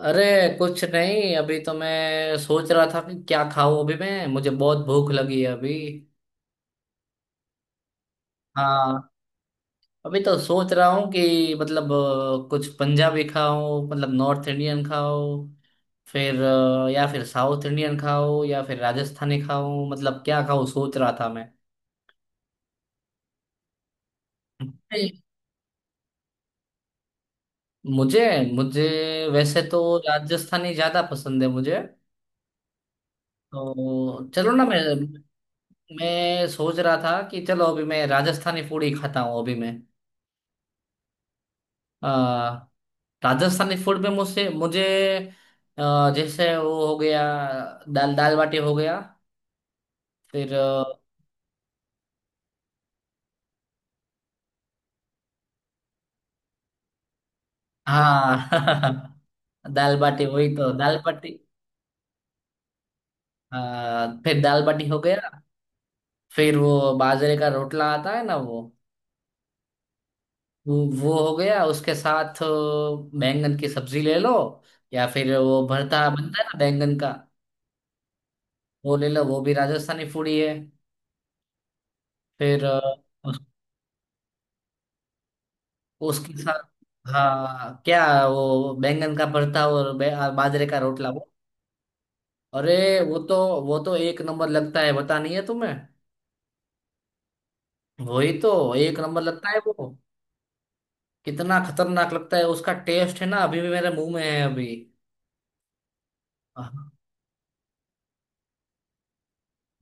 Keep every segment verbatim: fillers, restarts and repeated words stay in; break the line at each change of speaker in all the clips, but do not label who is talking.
अरे, कुछ नहीं। अभी तो मैं सोच रहा था कि क्या खाऊं। अभी मैं मुझे बहुत भूख लगी है अभी। हाँ, अभी तो सोच रहा हूँ कि मतलब अ, कुछ पंजाबी खाऊं, मतलब नॉर्थ इंडियन खाऊं, फिर अ, या फिर साउथ इंडियन खाऊं, या फिर राजस्थानी खाऊं। मतलब क्या खाऊं सोच रहा था मैं। नहीं, मुझे मुझे वैसे तो राजस्थानी ज्यादा पसंद है मुझे। तो चलो ना, मैं मैं सोच रहा था कि चलो, अभी मैं राजस्थानी फूड ही खाता हूँ अभी मैं। अ, राजस्थानी फूड में मुझसे मुझे अ, जैसे वो हो गया, दाल दाल बाटी हो गया, फिर अ, हाँ। दाल बाटी, वही तो दाल बाटी। अ, फिर दाल बाटी हो गया, फिर वो बाजरे का रोटला आता है ना, वो वो वो हो गया। उसके साथ अ, बैंगन की सब्जी ले लो, या फिर वो भरता बनता है ना बैंगन का, वो ले लो, वो भी राजस्थानी फूड ही है। फिर अ, उसके साथ हाँ क्या, वो बैंगन का भरता और बे- आ, बाजरे का रोटला, वो अरे, वो तो वो तो एक नंबर लगता है, पता नहीं है तुम्हें। वही तो, एक नंबर लगता है वो। कितना खतरनाक लगता है, उसका टेस्ट है ना अभी भी मेरे मुंह में है अभी। हाँ।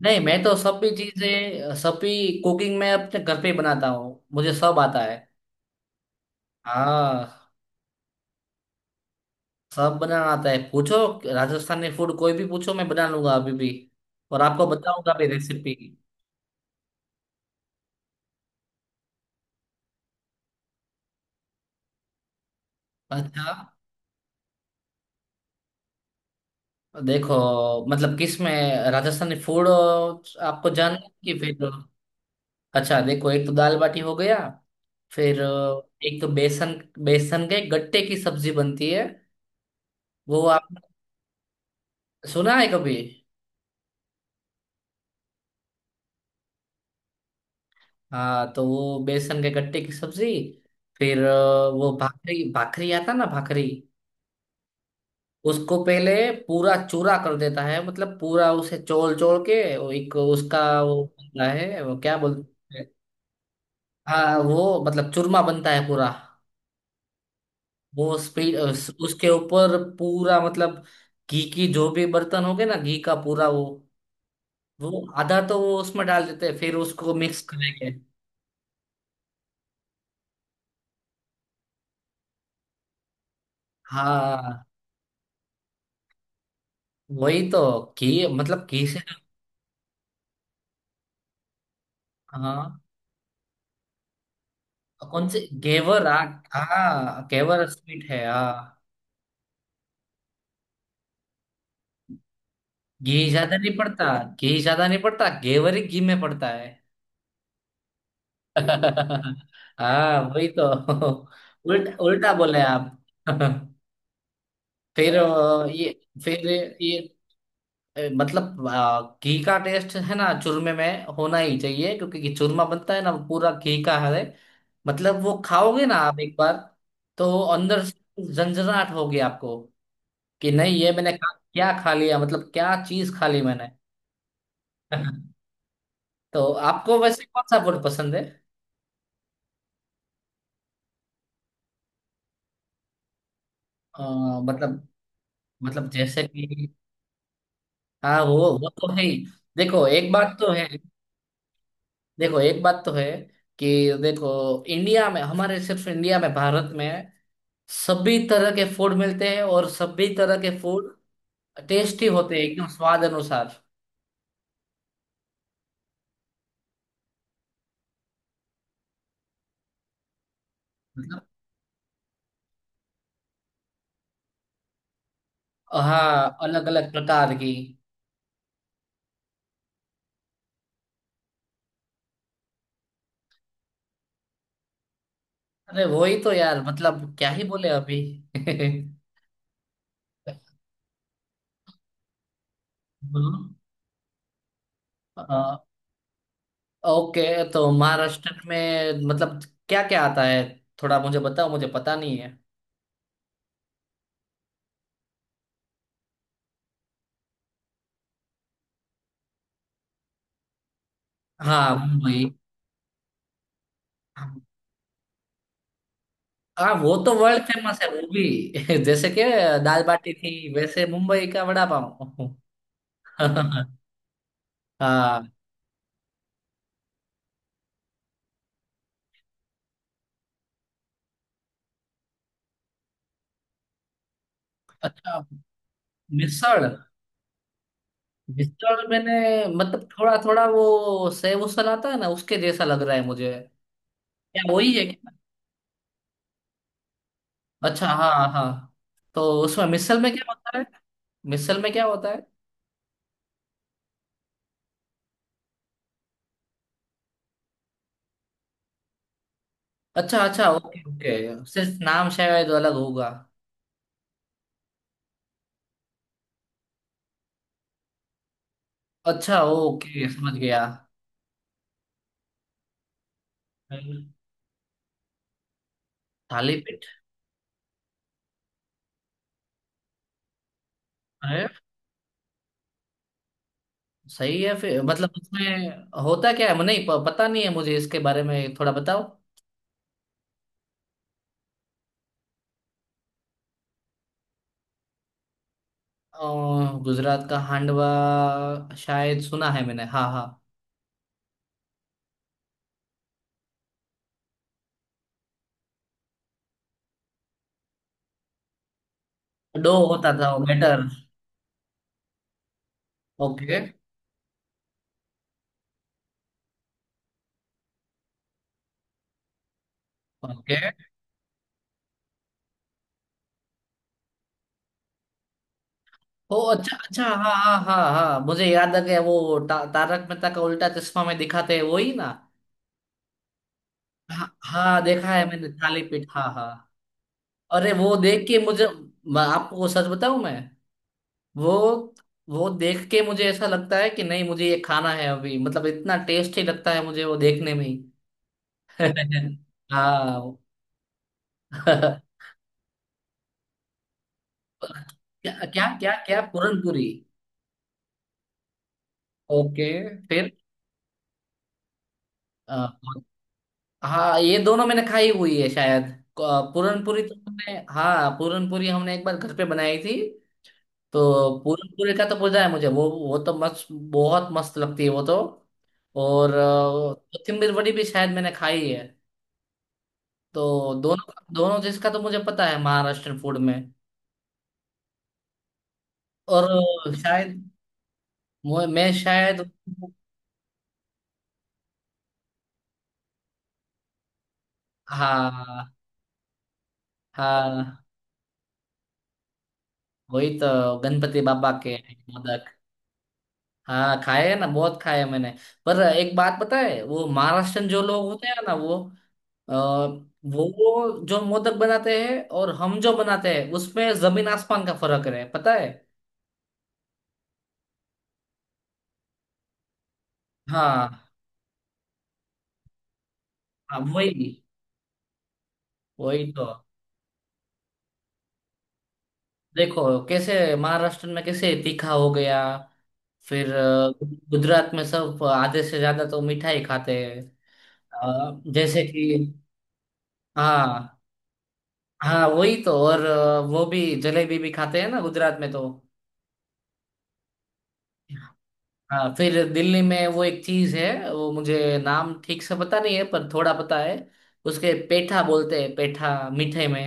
नहीं, मैं तो सभी चीजें, सभी कुकिंग मैं अपने घर पे ही बनाता हूँ, मुझे सब आता है। हाँ, सब बनाना आता है, पूछो। राजस्थानी फूड कोई भी पूछो, मैं बना लूंगा अभी भी, और आपको बताऊंगा भी रेसिपी। अच्छा देखो, मतलब किस में, राजस्थानी फूड आपको जानना है कि फिर। अच्छा देखो, एक तो दाल बाटी हो गया, फिर अ, एक तो बेसन बेसन के गट्टे की सब्जी बनती है। वो आप सुना है कभी। हाँ, तो वो बेसन के गट्टे की सब्जी। फिर अ, वो भाखरी भाखरी आता ना, भाखरी। उसको पहले पूरा चूरा कर देता है, मतलब पूरा उसे चोल चोल के वो एक उसका वो बनता है, वो क्या बोलते हैं। हाँ, वो मतलब चूरमा बनता है पूरा। वो स्पीड उसके ऊपर पूरा, मतलब घी की जो भी बर्तन हो गए ना, घी का पूरा वो वो आधा तो वो उसमें डाल देते हैं, फिर उसको मिक्स करेंगे। हाँ वही तो, घी मतलब घी से। हाँ, कौन से घेवर, हाँ हाँ, घेवर स्वीट है हाँ। घी ज्यादा नहीं पड़ता, घी ज्यादा नहीं पड़ता, घेवर ही घी में पड़ता है। हाँ वही तो। उल्टा उल्टा बोले आप। फिर अ, ये फिर ये ए, मतलब आ, घी का टेस्ट है ना, चूरमे में होना ही चाहिए, क्योंकि घी- चूरमा बनता है ना, वो पूरा घी का है। मतलब वो खाओगे ना आप एक बार, तो अंदर से झंझनाहट होगी आपको कि नहीं, ये मैंने खा, क्या खा लिया, मतलब क्या चीज खा ली मैंने। तो आपको वैसे कौन सा फूड पसंद है। अ, मतलब मतलब जैसे कि हाँ, वो वो तो है ही। देखो एक बात तो है, देखो एक बात तो है कि देखो, इंडिया में हमारे, सिर्फ इंडिया में, भारत में सभी तरह के फूड मिलते हैं, और सभी तरह के फूड टेस्टी होते हैं, एकदम स्वाद अनुसार। मतलब हाँ, अलग अलग प्रकार की। अरे वही तो यार, मतलब क्या ही बोले अभी। हम्म। अ, ओके, तो महाराष्ट्र में मतलब क्या क्या आता है, थोड़ा मुझे बताओ, मुझे पता नहीं है। हाँ मुंबई। हाँ, वो तो वर्ल्ड फेमस है वो भी। जैसे कि दाल बाटी थी, वैसे मुंबई का वड़ा पाव। हाँ मिसल। जितना भी मैंने, मतलब थोड़ा थोड़ा, वो सेब उसल आता है ना, उसके जैसा लग रहा है मुझे। क्या वही है क्या। अच्छा हाँ हाँ। तो उसमें मिसल में क्या होता है, मिसल में क्या होता है। अच्छा अच्छा, ओके ओके, सिर्फ नाम शायद अलग होगा। अच्छा ओके, समझ गया। थाली पीठ। अरे सही है। फिर मतलब उसमें होता क्या है, मुझे नहीं प- पता नहीं है मुझे, इसके बारे में थोड़ा बताओ। अ, गुजरात का हांडवा शायद सुना है मैंने हाँ हाँ। डो होता था वो बैटर। Okay okay. ओ अच्छा अच्छा हाँ। हाँ हाँ हाँ, मुझे याद आ गया, वो ता, तारक मेहता का उल्टा चश्मा में दिखाते हैं, वही ना। हाँ हाँ, देखा है मैंने थाली पीठ, हाँ हाँ। अरे वो देख के मुझे, मैं आपको सच बताऊं, मैं वो वो देख के मुझे ऐसा लगता है कि नहीं, मुझे ये खाना है अभी, मतलब इतना टेस्टी लगता है मुझे वो देखने में ही। हाँ। क्या क्या क्या क्या पूरन पूरी। ओके, फिर अ, हाँ, ये दोनों मैंने खाई हुई है शायद। क- पूरनपुरी तो हमने, हाँ, पूरनपुरी हमने एक बार घर पे बनाई थी, तो पूरनपुरी का तो पता है मुझे, वो वो तो मस्त, बहुत मस्त लगती है वो तो। और अ, कोथिम्बीर वड़ी भी शायद मैंने खाई है, तो दोनों, दोनों जिसका तो मुझे पता है महाराष्ट्र फूड में। और अ, शायद मु- मैं शायद हाँ हाँ वही तो, गणपति बाबा के। हाँ, खाए हैं ना, बहुत खाए हैं मैंने। पर एक बात पता है, वो महाराष्ट्रन जो लोग होते हैं ना वो अ, वो जो मोदक बनाते हैं और हम जो बनाते हैं, उसमें जमीन आसमान का फर्क है, पता है। हाँ हाँ, वही वही तो। देखो कैसे, महाराष्ट्र में कैसे तीखा हो गया। फिर अ, गुजरात में सब आधे से ज्यादा तो मिठाई खाते हैं। अ, जैसे कि हाँ हाँ वही तो। और अ, वो भी जलेबी भी खाते हैं ना गुजरात में तो। हाँ, फिर दिल्ली में वो एक चीज है, वो मुझे नाम ठीक से पता नहीं है, पर थोड़ा पता है। उसके पेठा बोलते हैं, पेठा, मीठे में।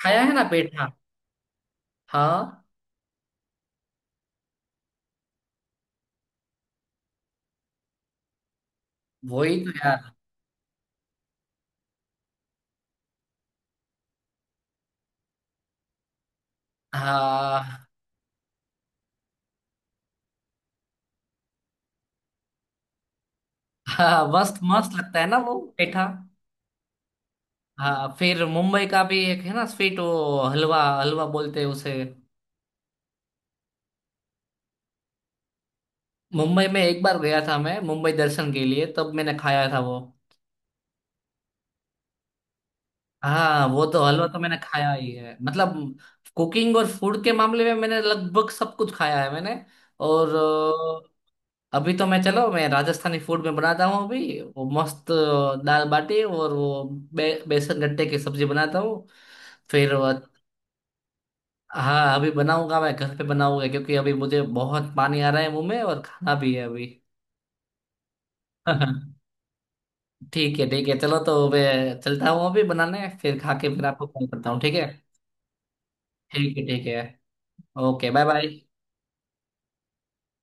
खाया है ना पेठा। हाँ वही तो यार। हाँ हाँ, मस्त मस्त लगता है ना वो पेठा। हाँ, फिर मुंबई का भी एक है ना स्वीट, वो हलवा, हलवा बोलते हैं उसे। मुंबई में एक बार गया था मैं, मुंबई दर्शन के लिए, तब मैंने खाया था वो। हाँ, वो तो हलवा तो मैंने खाया ही है। मतलब कुकिंग और फूड के मामले में मैंने लगभग सब कुछ खाया है मैंने। और अ, अभी तो मैं, चलो मैं राजस्थानी फूड में बनाता हूँ अभी, वो मस्त अ, दाल बाटी और वो बे, बेसन गट्टे की सब्जी बनाता हूँ, फिर वो- हाँ अभी बनाऊंगा मैं, घर पे बनाऊंगा, क्योंकि अभी मुझे बहुत पानी आ रहा है मुंह में, और खाना भी है अभी। ठीक है ठीक है, चलो तो मैं चलता हूँ अभी बनाने, फिर खा के फिर आपको कॉल करता हूँ, ठीक है। ठीक है ठीक है। Okay, bye bye.